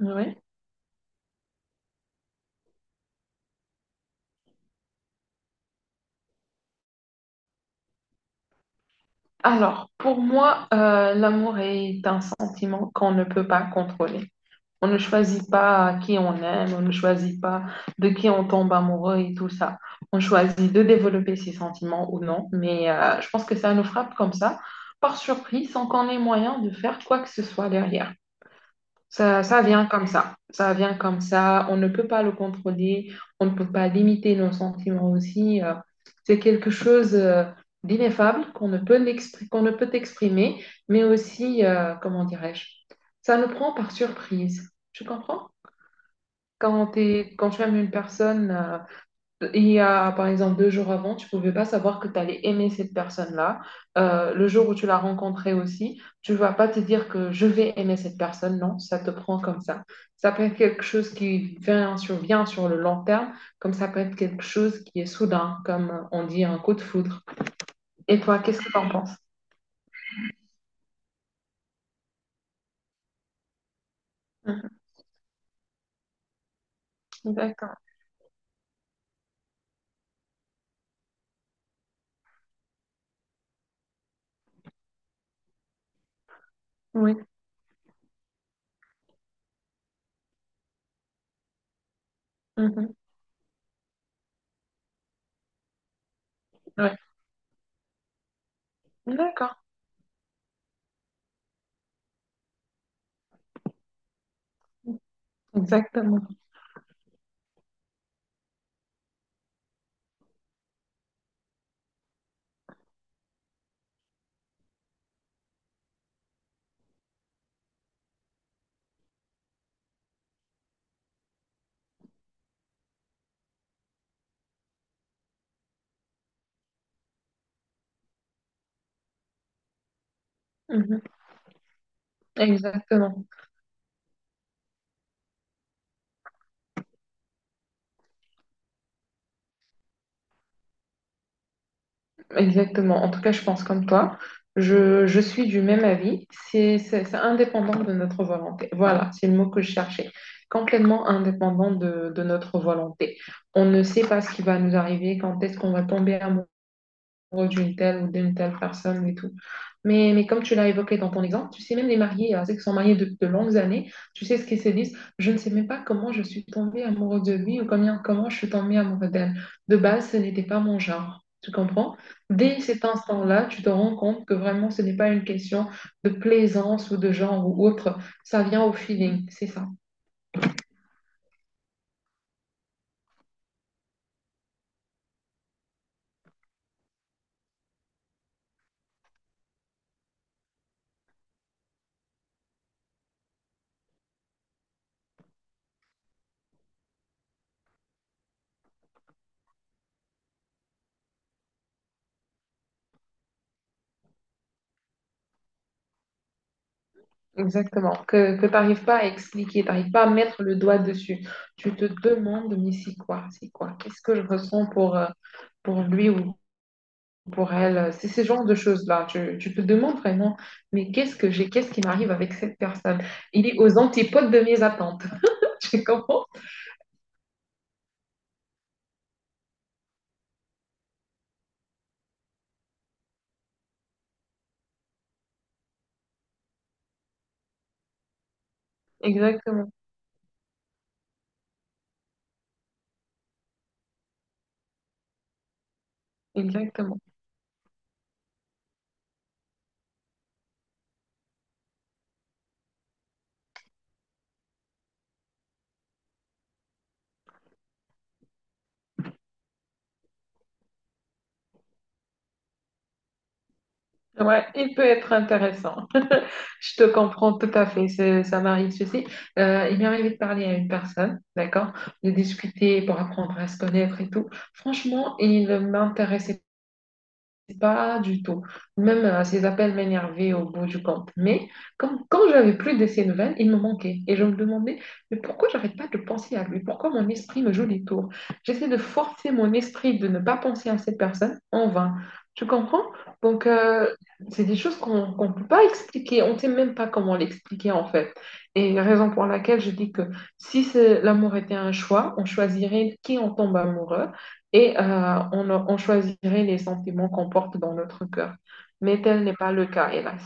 Oui. Alors, pour moi, l'amour est un sentiment qu'on ne peut pas contrôler. On ne choisit pas qui on aime, on ne choisit pas de qui on tombe amoureux et tout ça. On choisit de développer ses sentiments ou non, mais je pense que ça nous frappe comme ça, par surprise, sans qu'on ait moyen de faire quoi que ce soit derrière. Ça vient comme ça. Ça vient comme ça. On ne peut pas le contrôler. On ne peut pas limiter nos sentiments aussi. C'est quelque chose d'ineffable qu'on ne peut exprimer, mais aussi, comment dirais-je, ça nous prend par surprise. Tu comprends? Quand tu aimes une personne, il y a, par exemple, deux jours avant, tu pouvais pas savoir que tu allais aimer cette personne-là. Le jour où tu l'as rencontrée aussi, tu vas pas te dire que je vais aimer cette personne. Non, ça te prend comme ça. Ça peut être quelque chose vient sur le long terme, comme ça peut être quelque chose qui est soudain, comme on dit un coup de foudre. Et toi, qu'est-ce que tu en penses? Mhm. D'accord. Oui. Mhm. Ouais. D'accord. Exactement. Mhm. Exactement. Exactement, en tout cas, je pense comme toi. Je suis du même avis. C'est indépendant de notre volonté. Voilà, c'est le mot que je cherchais. Complètement indépendant de notre volonté. On ne sait pas ce qui va nous arriver, quand est-ce qu'on va tomber amoureux d'une telle ou d'une telle personne et tout. Mais comme tu l'as évoqué dans ton exemple, tu sais, même les mariés, ceux qui sont mariés de longues années, tu sais ce qu'ils se disent, je ne sais même pas comment je suis tombée amoureuse de lui ou combien, comment je suis tombée amoureuse d'elle. De base, ce n'était pas mon genre. Tu comprends? Dès cet instant-là, tu te rends compte que vraiment, ce n'est pas une question de plaisance ou de genre ou autre. Ça vient au feeling, c'est ça. Exactement, que tu n'arrives pas à expliquer, tu n'arrives pas à mettre le doigt dessus. Tu te demandes, mais c'est quoi, c'est quoi? Qu'est-ce que je ressens pour lui ou pour elle? C'est ce genre de choses-là. Tu te demandes vraiment, mais qu'est-ce que j'ai, qu'est-ce qui m'arrive avec cette personne? Il est aux antipodes de mes attentes. Tu comprends? Exactement, exactement. Ouais, il peut être intéressant. Je te comprends tout à fait, ça m'arrive ceci. Il m'est arrivé de parler à une personne, d'accord, de discuter pour apprendre à se connaître et tout. Franchement, il m'intéressait pas du tout. Même ces appels m'énervaient au bout du compte. Mais comme, quand j'avais plus de ces nouvelles, il me manquait. Et je me demandais, mais pourquoi j'arrête pas de penser à lui? Pourquoi mon esprit me joue des tours? J'essaie de forcer mon esprit de ne pas penser à cette personne en vain. Tu comprends? Donc, c'est des choses qu'on ne peut pas expliquer. On ne sait même pas comment l'expliquer en fait. Et raison pour laquelle je dis que si l'amour était un choix, on choisirait qui on tombe amoureux et on choisirait les sentiments qu'on porte dans notre cœur. Mais tel n'est pas le cas, hélas.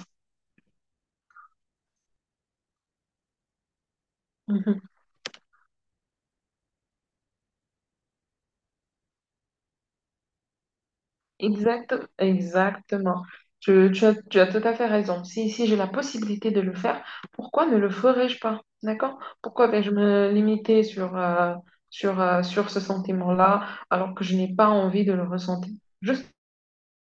Mhm. Exact, exactement. Tu as tout à fait raison. Si j'ai la possibilité de le faire, pourquoi ne le ferais-je pas? D'accord? Pourquoi vais-je me limiter sur ce sentiment-là alors que je n'ai pas envie de le ressentir? Juste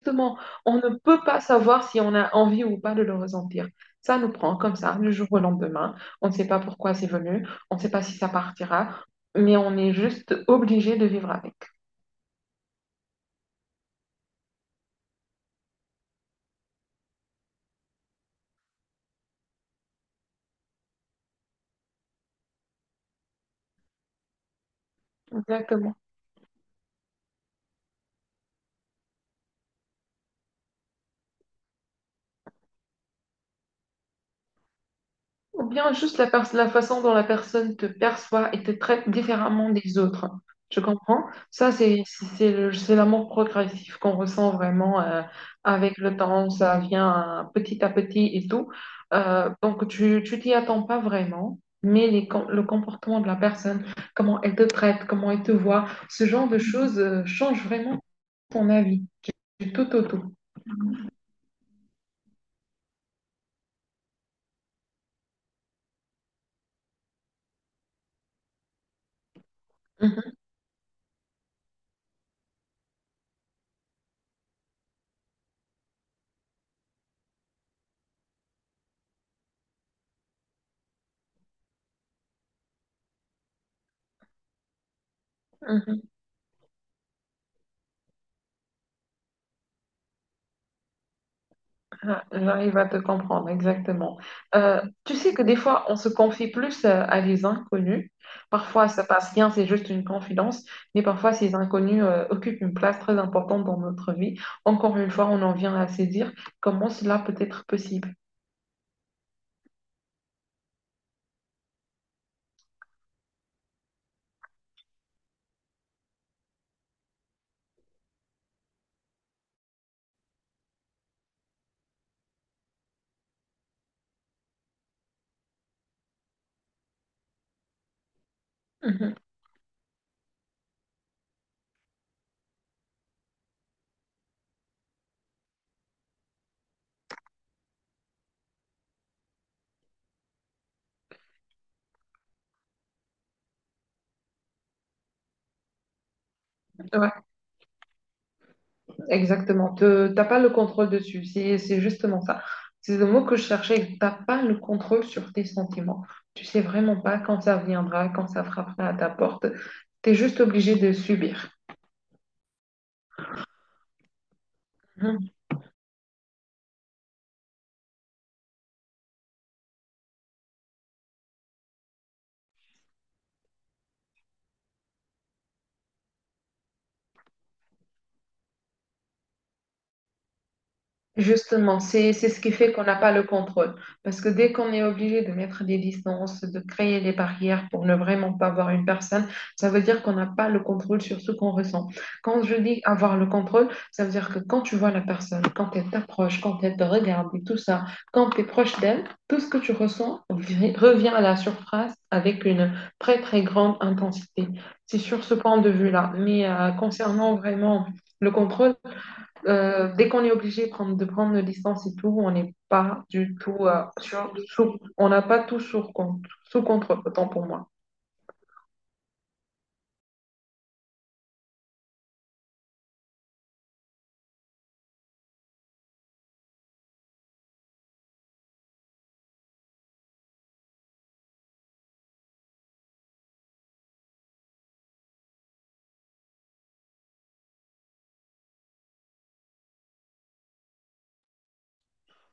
Justement, on ne peut pas savoir si on a envie ou pas de le ressentir. Ça nous prend comme ça, du jour au lendemain. On ne sait pas pourquoi c'est venu, on ne sait pas si ça partira, mais on est juste obligé de vivre avec. Exactement. Ou bien juste la façon dont la personne te perçoit et te traite différemment des autres. Tu comprends? Ça, c'est l'amour progressif qu'on ressent vraiment avec le temps. Ça vient petit à petit et tout. Donc, tu t'y attends pas vraiment, mais le comportement de la personne, comment elle te traite, comment elle te voit, ce genre de choses change vraiment ton avis du tout au tout. Mhm. Ah, j'arrive à te comprendre, exactement. Tu sais que des fois, on se confie plus à des inconnus. Parfois, ça passe bien, c'est juste une confidence, mais parfois, ces inconnus occupent une place très importante dans notre vie. Encore une fois, on en vient à se dire comment cela peut être possible. Mhm. Ouais. Exactement. Tu n'as pas le contrôle dessus. C'est justement ça. C'est le mot que je cherchais. Tu n'as pas le contrôle sur tes sentiments. Tu sais vraiment pas quand ça viendra, quand ça frappera à ta porte. Tu es juste obligé de subir. Justement, c'est ce qui fait qu'on n'a pas le contrôle. Parce que dès qu'on est obligé de mettre des distances, de créer des barrières pour ne vraiment pas voir une personne, ça veut dire qu'on n'a pas le contrôle sur ce qu'on ressent. Quand je dis avoir le contrôle, ça veut dire que quand tu vois la personne, quand elle t'approche, quand elle te regarde et tout ça, quand tu es proche d'elle, tout ce que tu revient à la surface avec une très très grande intensité. C'est sur ce point de vue-là. Mais concernant vraiment le contrôle, dès qu'on est obligé de prendre nos licences et tout, on n'est pas du tout on n'a pas sous contrôle, autant pour moi.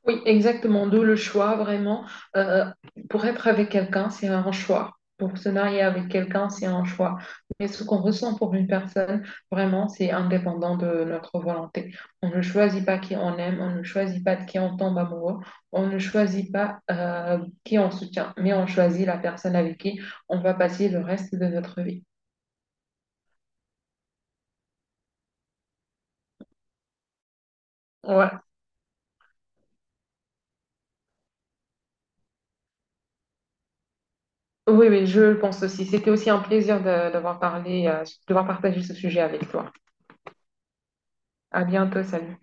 Oui, exactement. D'où le choix, vraiment. Euh, pour être avec quelqu'un, c'est un choix. Pour se marier avec quelqu'un, c'est un choix. Mais ce qu'on ressent pour une personne, vraiment, c'est indépendant de notre volonté. On ne choisit pas qui on aime, on ne choisit pas de qui on tombe amoureux, on ne choisit pas qui on soutient, mais on choisit la personne avec qui on va passer le reste de notre vie. Ouais. Oui, oui, je le pense aussi. C'était aussi un plaisir de, d'avoir parlé, de devoir partager ce sujet avec toi. À bientôt, salut.